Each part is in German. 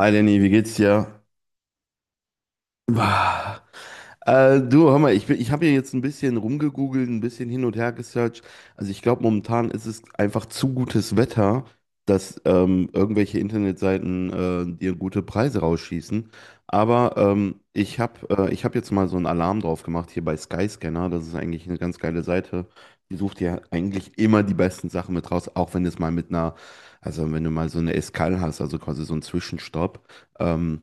Hi Lenny, wie geht's dir? Bah. Du, hör mal, ich habe hier jetzt ein bisschen rumgegoogelt, ein bisschen hin und her gesearched. Also ich glaube, momentan ist es einfach zu gutes Wetter, dass irgendwelche Internetseiten dir gute Preise rausschießen. Aber ich hab jetzt mal so einen Alarm drauf gemacht hier bei Skyscanner. Das ist eigentlich eine ganz geile Seite. Die sucht ja eigentlich immer die besten Sachen mit raus, auch wenn es mal mit einer, also wenn du mal so eine Escal hast, also quasi so einen Zwischenstopp. Ähm,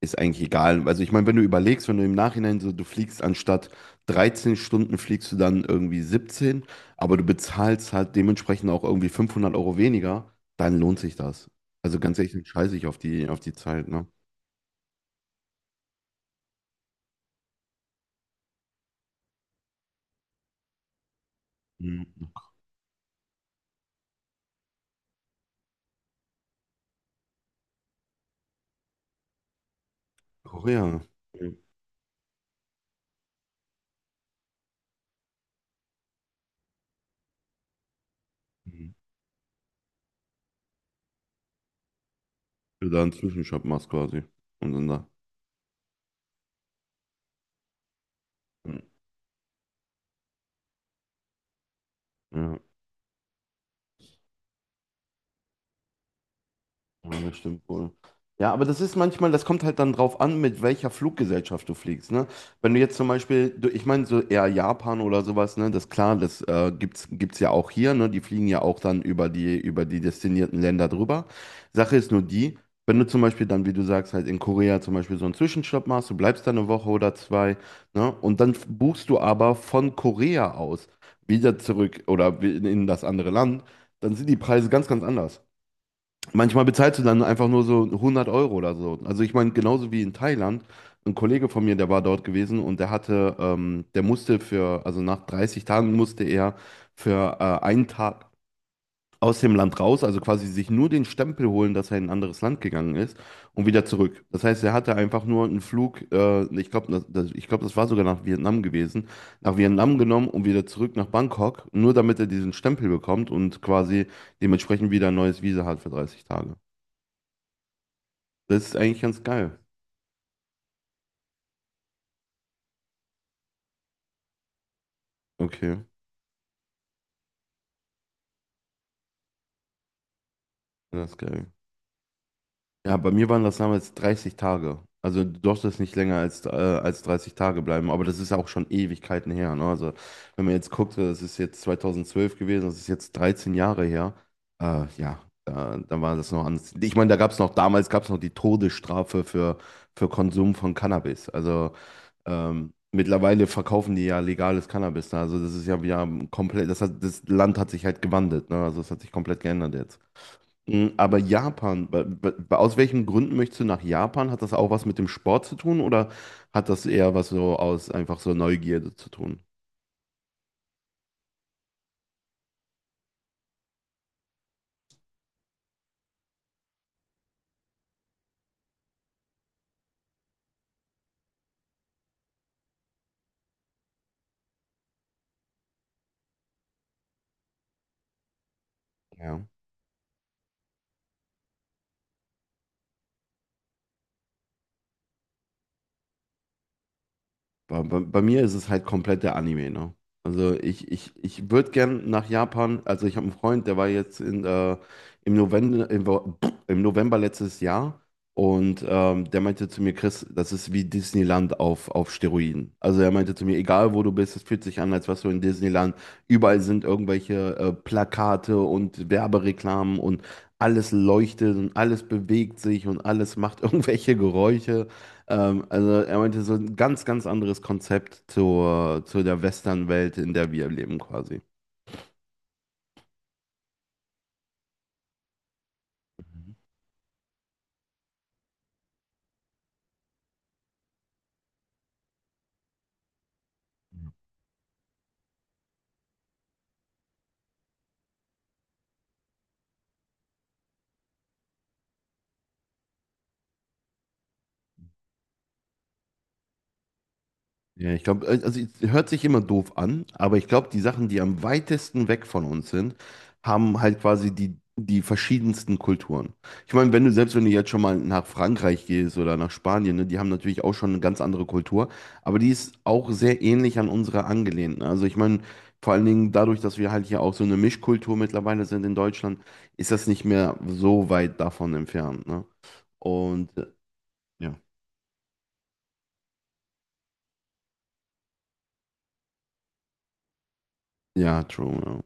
Ist eigentlich egal. Also ich meine, wenn du überlegst, wenn du im Nachhinein so, du fliegst anstatt 13 Stunden, fliegst du dann irgendwie 17, aber du bezahlst halt dementsprechend auch irgendwie 500 € weniger, dann lohnt sich das. Also ganz ehrlich, dann scheiße ich auf die Zeit, ne? Mhm. Korea. Mhm. Du da einen Zwischenstopp machst quasi. Und dann da. Mhm. Ja. Ja, das stimmt wohl. Ja, aber das ist manchmal, das kommt halt dann drauf an, mit welcher Fluggesellschaft du fliegst, ne? Wenn du jetzt zum Beispiel, ich meine so eher Japan oder sowas, ne? Das klar, das gibt's ja auch hier, ne? Die fliegen ja auch dann über die destinierten Länder drüber. Sache ist nur die, wenn du zum Beispiel dann, wie du sagst, halt in Korea zum Beispiel so einen Zwischenstopp machst, du bleibst da eine Woche oder zwei, ne? Und dann buchst du aber von Korea aus wieder zurück oder in das andere Land, dann sind die Preise ganz, ganz anders. Manchmal bezahlst du dann einfach nur so 100 € oder so. Also ich meine, genauso wie in Thailand, ein Kollege von mir, der war dort gewesen und der musste also nach 30 Tagen musste er für einen Tag aus dem Land raus, also quasi sich nur den Stempel holen, dass er in ein anderes Land gegangen ist und wieder zurück. Das heißt, er hatte einfach nur einen Flug, ich glaube, das war sogar nach Vietnam gewesen, nach Vietnam genommen und wieder zurück nach Bangkok, nur damit er diesen Stempel bekommt und quasi dementsprechend wieder ein neues Visa hat für 30 Tage. Das ist eigentlich ganz geil. Okay, das ist geil. Ja, bei mir waren das damals 30 Tage. Also du durftest nicht länger als 30 Tage bleiben, aber das ist ja auch schon Ewigkeiten her. Ne? Also wenn man jetzt guckt, das ist jetzt 2012 gewesen, das ist jetzt 13 Jahre her. Ja, da war das noch anders. Ich meine, da gab es noch, damals gab es noch die Todesstrafe für Konsum von Cannabis. Also, mittlerweile verkaufen die ja legales Cannabis da. Also das ist ja wieder komplett, das Land hat sich halt gewandelt, ne? Also es hat sich komplett geändert jetzt. Aber Japan, aus welchen Gründen möchtest du nach Japan? Hat das auch was mit dem Sport zu tun oder hat das eher was so aus einfach so Neugierde zu tun? Ja. Bei mir ist es halt komplett der Anime, ne? Also ich würde gern nach Japan, also ich habe einen Freund, der war jetzt in, im November, im, Wo- im November letztes Jahr und der meinte zu mir, Chris, das ist wie Disneyland auf Steroiden. Also er meinte zu mir, egal wo du bist, es fühlt sich an, als wärst du in Disneyland. Überall sind irgendwelche Plakate und Werbereklamen und alles leuchtet und alles bewegt sich und alles macht irgendwelche Geräusche. Also er meinte so ein ganz, ganz anderes Konzept zu der Western-Welt, in der wir leben quasi. Ja, ich glaube, also es hört sich immer doof an, aber ich glaube, die Sachen, die am weitesten weg von uns sind, haben halt quasi die verschiedensten Kulturen. Ich meine, wenn du jetzt schon mal nach Frankreich gehst oder nach Spanien, ne, die haben natürlich auch schon eine ganz andere Kultur, aber die ist auch sehr ähnlich an unsere angelehnt. Ne? Also ich meine, vor allen Dingen dadurch, dass wir halt hier auch so eine Mischkultur mittlerweile sind in Deutschland, ist das nicht mehr so weit davon entfernt, ne? Und ja, ja, true, ja.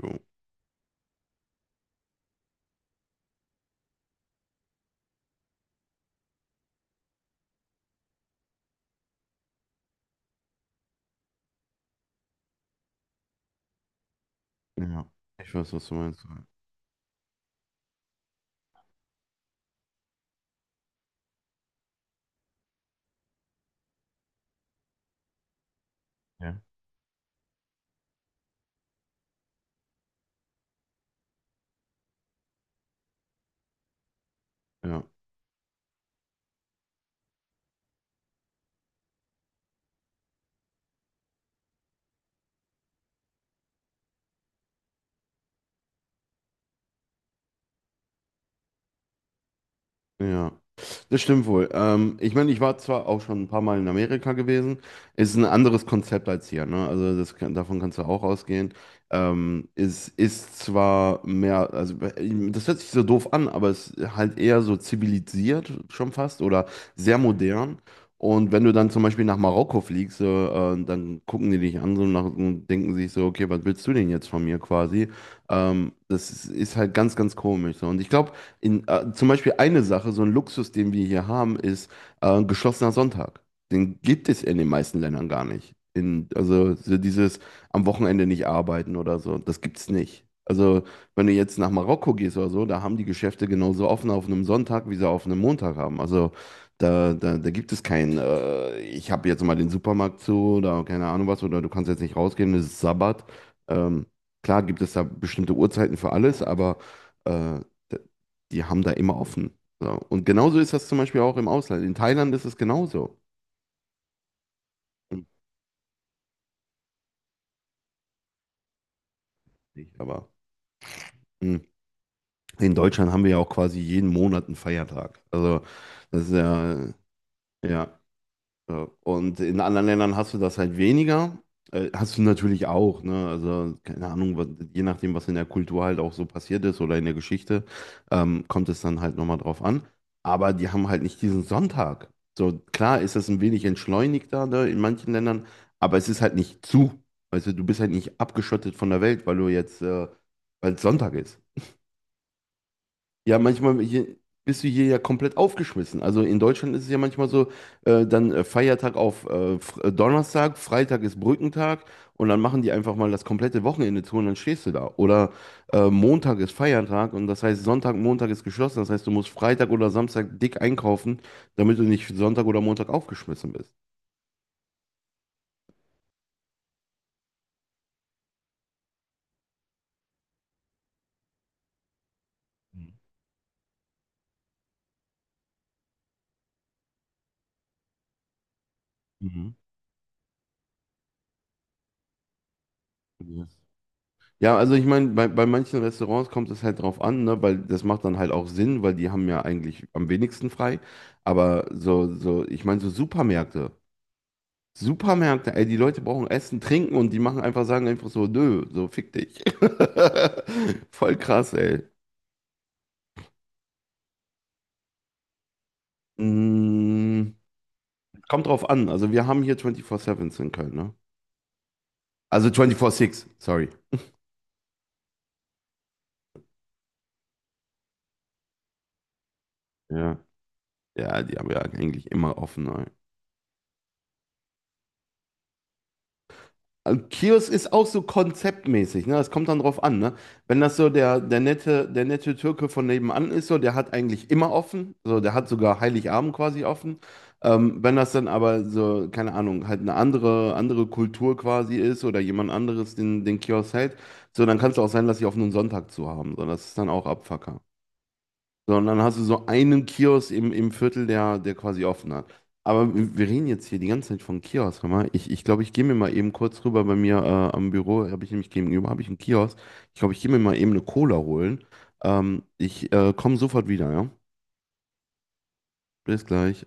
True. Ja, ich weiß, was du meinst. Ja, ja. Ja, das stimmt wohl. Ich meine, ich war zwar auch schon ein paar Mal in Amerika gewesen, ist ein anderes Konzept als hier, ne? Also davon kannst du auch ausgehen. Es ist zwar mehr, also das hört sich so doof an, aber es ist halt eher so zivilisiert schon fast oder sehr modern. Und wenn du dann zum Beispiel nach Marokko fliegst, so, dann gucken die dich an so nach, und denken sich so, okay, was willst du denn jetzt von mir quasi? Das ist halt ganz, ganz komisch. So. Und ich glaube, zum Beispiel eine Sache, so ein Luxus, den wir hier haben, ist geschlossener Sonntag. Den gibt es in den meisten Ländern gar nicht. Also so dieses am Wochenende nicht arbeiten oder so, das gibt es nicht. Also wenn du jetzt nach Marokko gehst oder so, da haben die Geschäfte genauso offen auf einem Sonntag, wie sie auf einem Montag haben. Also da gibt es kein, ich habe jetzt mal den Supermarkt zu oder keine Ahnung was, oder du kannst jetzt nicht rausgehen, es ist Sabbat. Ähm, klar gibt es da bestimmte Uhrzeiten für alles, aber. Äh, Die haben da immer offen. So. Und genauso ist das zum Beispiel auch im Ausland. In Thailand ist es genauso. Hm, nicht, aber hm. In Deutschland haben wir ja auch quasi jeden Monat einen Feiertag. Also das ist ja, ja. Ja, und in anderen Ländern hast du das halt weniger. Hast du natürlich auch, ne? Also, keine Ahnung, je nachdem, was in der Kultur halt auch so passiert ist oder in der Geschichte, kommt es dann halt nochmal drauf an. Aber die haben halt nicht diesen Sonntag. So, klar ist das ein wenig entschleunigter, ne, in manchen Ländern, aber es ist halt nicht zu. Also, du bist halt nicht abgeschottet von der Welt, weil es Sonntag ist. Ja, manchmal hier, bist du hier ja komplett aufgeschmissen. Also in Deutschland ist es ja manchmal so, dann Feiertag auf Donnerstag, Freitag ist Brückentag und dann machen die einfach mal das komplette Wochenende zu und dann stehst du da. Oder Montag ist Feiertag und das heißt Sonntag, Montag ist geschlossen. Das heißt, du musst Freitag oder Samstag dick einkaufen, damit du nicht Sonntag oder Montag aufgeschmissen bist. Mhm. Mhm. Ja. Ja, also ich meine, bei manchen Restaurants kommt es halt drauf an, ne, weil das macht dann halt auch Sinn, weil die haben ja eigentlich am wenigsten frei. Aber ich meine, so Supermärkte. Supermärkte, ey, die Leute brauchen Essen, Trinken und die sagen einfach so, nö, so fick dich. Voll krass, ey. Mm, Kommt drauf an. Also wir haben hier 24-7s in Köln, ne? Also 24-6, sorry. Ja. Ja, die haben ja eigentlich immer offen. Also Kiosk ist auch so konzeptmäßig, ne? Das kommt dann drauf an, ne? Wenn das so der nette Türke von nebenan ist, so, der hat eigentlich immer offen, so, der hat sogar Heiligabend quasi offen. Wenn das dann aber so, keine Ahnung, halt eine andere Kultur quasi ist oder jemand anderes den Kiosk hält, so, dann kann es auch sein, dass sie auf einen Sonntag zu haben. So, das ist dann auch Abfuck sondern hast du so einen Kiosk im Viertel, der quasi offen hat. Aber wir reden jetzt hier die ganze Zeit von Kiosk. Hör mal, ich glaube, ich gehe mir mal eben kurz rüber bei mir am Büro, habe ich nämlich gegenüber, habe ich einen Kiosk. Ich glaube, ich gehe mir mal eben eine Cola holen. Ich komme sofort wieder, ja? Bis gleich.